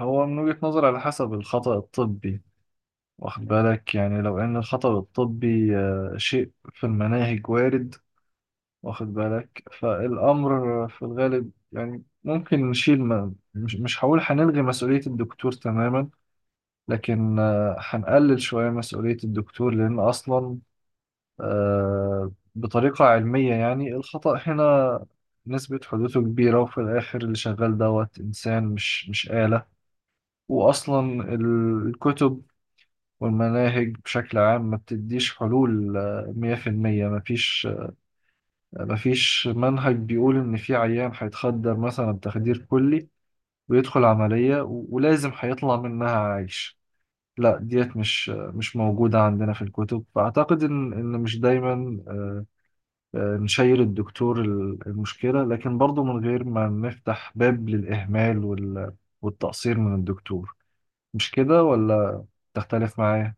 هو من وجهة نظري على حسب الخطأ الطبي. واخد بالك، يعني لو ان الخطأ الطبي شيء في المناهج وارد. واخد بالك، فالامر في الغالب يعني ممكن نشيل ما مش هقول، هنلغي مسؤولية الدكتور تماما، لكن هنقلل شوية مسؤولية الدكتور لان اصلا بطريقة علمية، يعني الخطأ هنا نسبة حدوثه كبيرة، وفي الآخر اللي شغال دوت إنسان مش آلة. وأصلا الكتب والمناهج بشكل عام ما بتديش حلول 100%. ما فيش ما فيش منهج بيقول إن في عيان هيتخدر مثلا بتخدير كلي، ويدخل عملية ولازم هيطلع منها عايش. لا، ديت مش موجودة عندنا في الكتب. فأعتقد إن مش دايما نشير الدكتور المشكلة، لكن برضو من غير ما نفتح باب للإهمال والتقصير من الدكتور. مش كده ولا تختلف معايا؟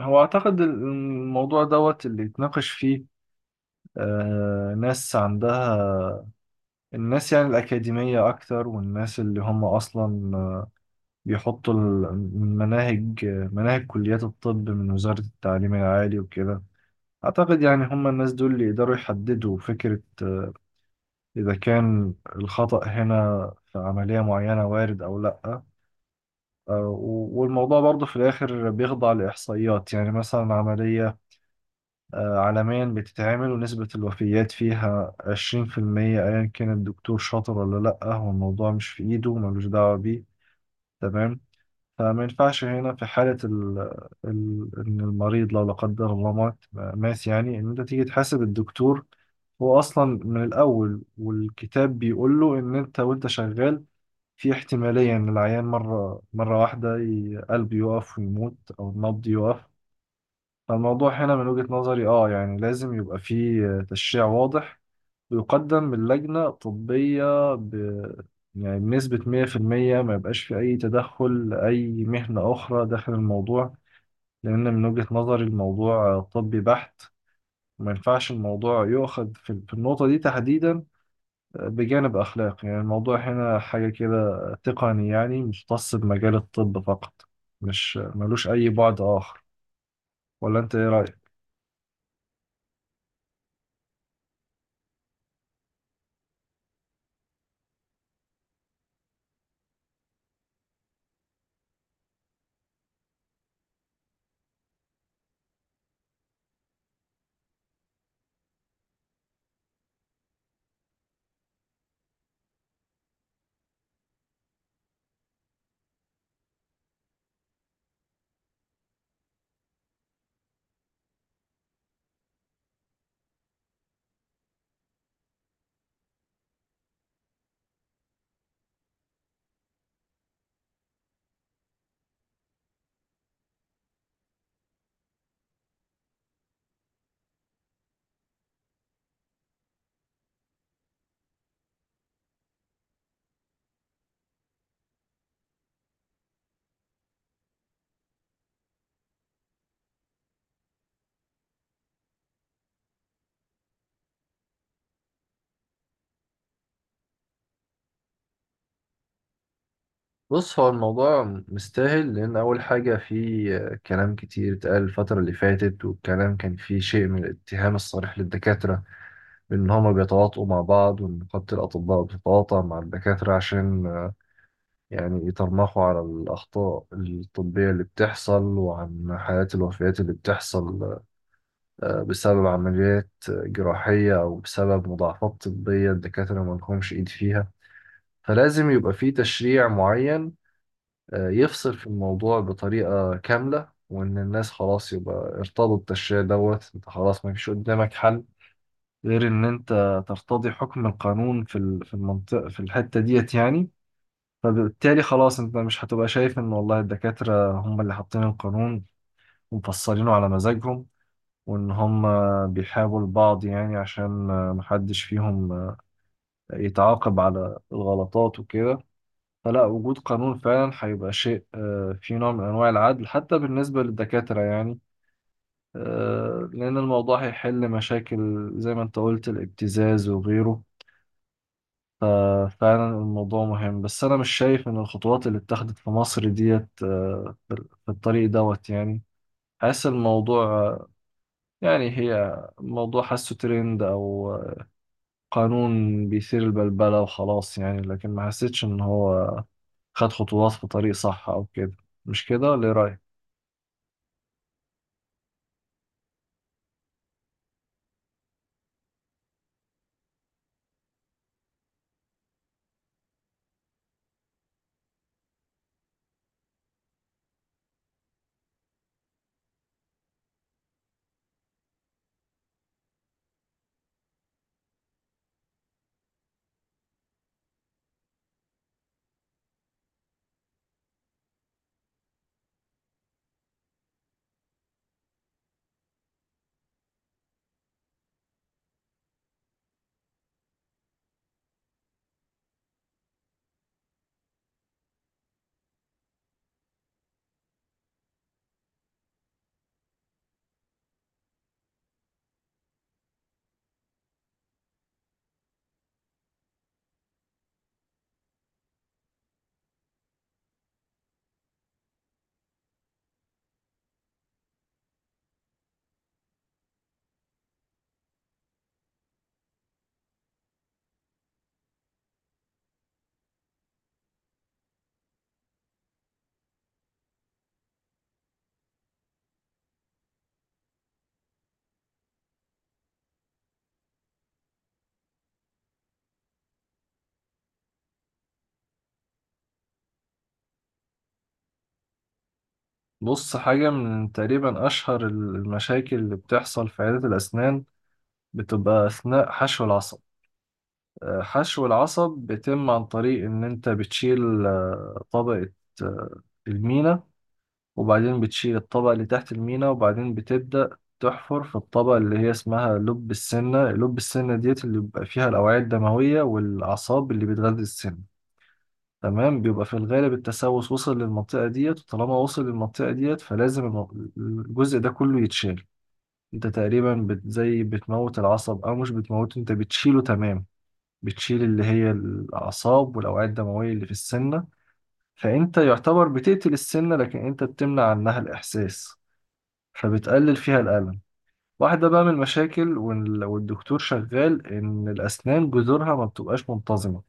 هو أعتقد الموضوع دوت اللي يتناقش فيه ناس عندها، الناس يعني الأكاديمية أكتر، والناس اللي هم أصلا بيحطوا المناهج، مناهج كليات الطب من وزارة التعليم العالي وكده. أعتقد يعني هم الناس دول اللي يقدروا يحددوا فكرة إذا كان الخطأ هنا في عملية معينة وارد أو لأ. والموضوع برضه في الآخر بيخضع لإحصائيات، يعني مثلا عملية عالميا بتتعمل ونسبة الوفيات فيها 20%، أيا كان الدكتور شاطر ولا لأ، هو الموضوع مش في إيده، ملوش دعوة بيه. تمام. فما ينفعش هنا في حالة إن المريض لو لا قدر الله مات مات، يعني إن أنت تيجي تحاسب الدكتور. هو أصلا من الأول والكتاب بيقول له إن أنت وأنت شغال في احتمالية إن العيان مرة واحدة قلبه يقف ويموت، أو النبض يقف. فالموضوع هنا من وجهة نظري اه، يعني لازم يبقى فيه تشريع واضح، ويقدم من لجنة طبية، يعني بنسبة 100%، ما يبقاش في أي تدخل، أي مهنة أخرى داخل الموضوع، لأن من وجهة نظري الموضوع طبي بحت. وما ينفعش الموضوع يؤخذ في النقطة دي تحديدا بجانب أخلاقي. يعني الموضوع هنا حاجة كده تقني، يعني مختص بمجال الطب فقط، مش ملوش أي بعد آخر. ولا أنت إيه رأيك؟ بص، هو الموضوع مستاهل، لأن أول حاجة في كلام كتير اتقال الفترة اللي فاتت، والكلام كان فيه شيء من الاتهام الصريح للدكاترة، بإن هما بيتواطؤوا مع بعض، وإن نقابة الأطباء بتتواطأ مع الدكاترة عشان يعني يترمخوا على الأخطاء الطبية اللي بتحصل، وعن حالات الوفيات اللي بتحصل بسبب عمليات جراحية، أو بسبب مضاعفات طبية الدكاترة ما لهمش إيد فيها. فلازم يبقى في تشريع معين يفصل في الموضوع بطريقة كاملة، وإن الناس خلاص يبقى ارتضوا التشريع دوت. أنت خلاص ما فيش قدامك حل غير إن أنت ترتضي حكم القانون في المنطقة، في الحتة ديت يعني. فبالتالي خلاص أنت مش هتبقى شايف إن والله الدكاترة هم اللي حاطين القانون ومفصلينه على مزاجهم، وإن هم بيحابوا البعض، يعني عشان محدش فيهم يتعاقب على الغلطات وكده. فلا، وجود قانون فعلا هيبقى شيء فيه نوع من أنواع العدل حتى بالنسبة للدكاترة يعني، لأن الموضوع هيحل مشاكل زي ما أنت قلت، الابتزاز وغيره. ففعلا الموضوع مهم. بس أنا مش شايف إن الخطوات اللي اتخذت في مصر ديت في الطريق دوت يعني. حاسس الموضوع يعني هي موضوع حاسه ترند، أو قانون بيثير البلبلة وخلاص، يعني لكن ما حسيتش إن هو خد خطوات في طريق صح أو كده. مش كده ولا إيه رأيك؟ بص، حاجة من تقريبا أشهر المشاكل اللي بتحصل في عيادة الأسنان بتبقى أثناء حشو العصب. حشو العصب بيتم عن طريق إن أنت بتشيل طبقة آه، المينا، وبعدين بتشيل الطبقة اللي تحت المينا، وبعدين بتبدأ تحفر في الطبقة اللي هي اسمها لب السنة. لب السنة ديت اللي بيبقى فيها الأوعية الدموية والأعصاب اللي بتغذي السن. تمام. بيبقى في الغالب التسوس وصل للمنطقة ديت، وطالما وصل للمنطقة ديت فلازم الجزء ده كله يتشال. انت تقريبا زي بتموت العصب، او مش بتموته، انت بتشيله. تمام. بتشيل اللي هي الأعصاب والأوعية الدموية اللي في السنة. فانت يعتبر بتقتل السنة، لكن انت بتمنع عنها الإحساس، فبتقلل فيها الألم. واحدة بقى من المشاكل والدكتور شغال، إن الأسنان جذورها ما بتبقاش منتظمة.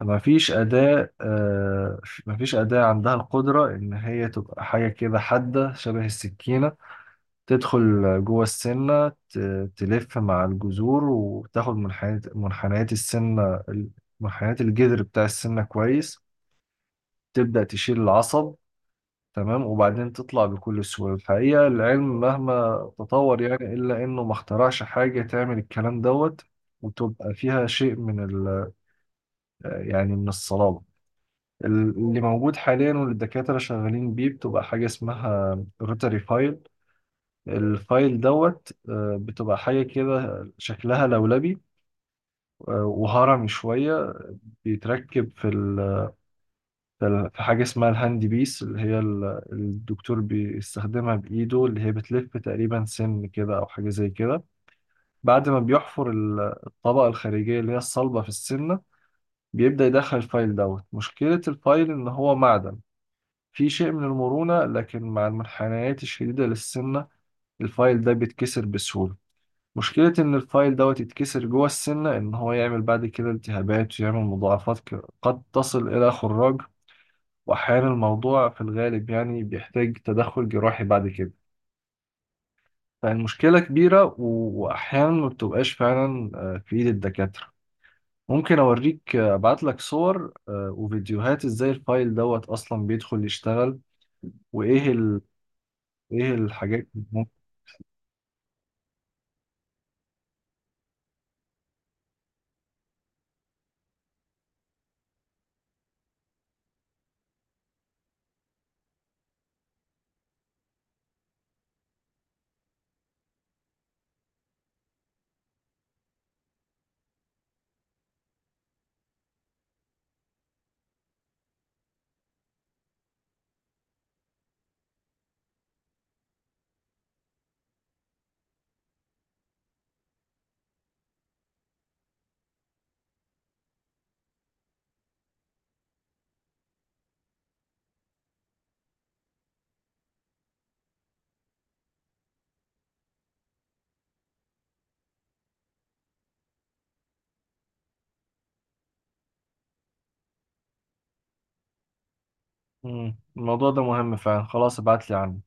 مفيش أداة مفيش أداة عندها القدرة إن هي تبقى حاجة كده حادة شبه السكينة، تدخل جوه السنة، تلف مع الجذور، وتاخد منحنيات السنة، منحنيات الجذر بتاع السنة كويس، تبدأ تشيل العصب. تمام. وبعدين تطلع بكل سهولة. الحقيقة العلم مهما تطور، يعني إلا إنه ما اخترعش حاجة تعمل الكلام دوت وتبقى فيها شيء من يعني من الصلابة. اللي موجود حاليا واللي الدكاترة شغالين بيه بتبقى حاجة اسمها روتري فايل. الفايل دوت بتبقى حاجة كده شكلها لولبي وهرمي شوية، بيتركب في حاجة اسمها الهاند بيس، اللي هي الدكتور بيستخدمها بإيده، اللي هي بتلف تقريبا سن كده أو حاجة زي كده. بعد ما بيحفر الطبقة الخارجية اللي هي الصلبة في السنة، بيبدأ يدخل الفايل دوت. مشكلة الفايل إن هو معدن، في شيء من المرونة، لكن مع المنحنيات الشديدة للسنة الفايل ده بيتكسر بسهولة. مشكلة إن الفايل دوت يتكسر جوه السنة، إن هو يعمل بعد كده التهابات، ويعمل مضاعفات قد تصل إلى خراج، وأحيانا الموضوع في الغالب يعني بيحتاج تدخل جراحي بعد كده. فالمشكلة كبيرة، وأحيانا ما بتبقاش فعلا في إيد الدكاترة. ممكن أوريك أبعتلك صور وفيديوهات إزاي الفايل دوت أصلا بيدخل يشتغل، وإيه إيه الحاجات. مم. الموضوع ده مهم فعلا، خلاص ابعت لي عنه.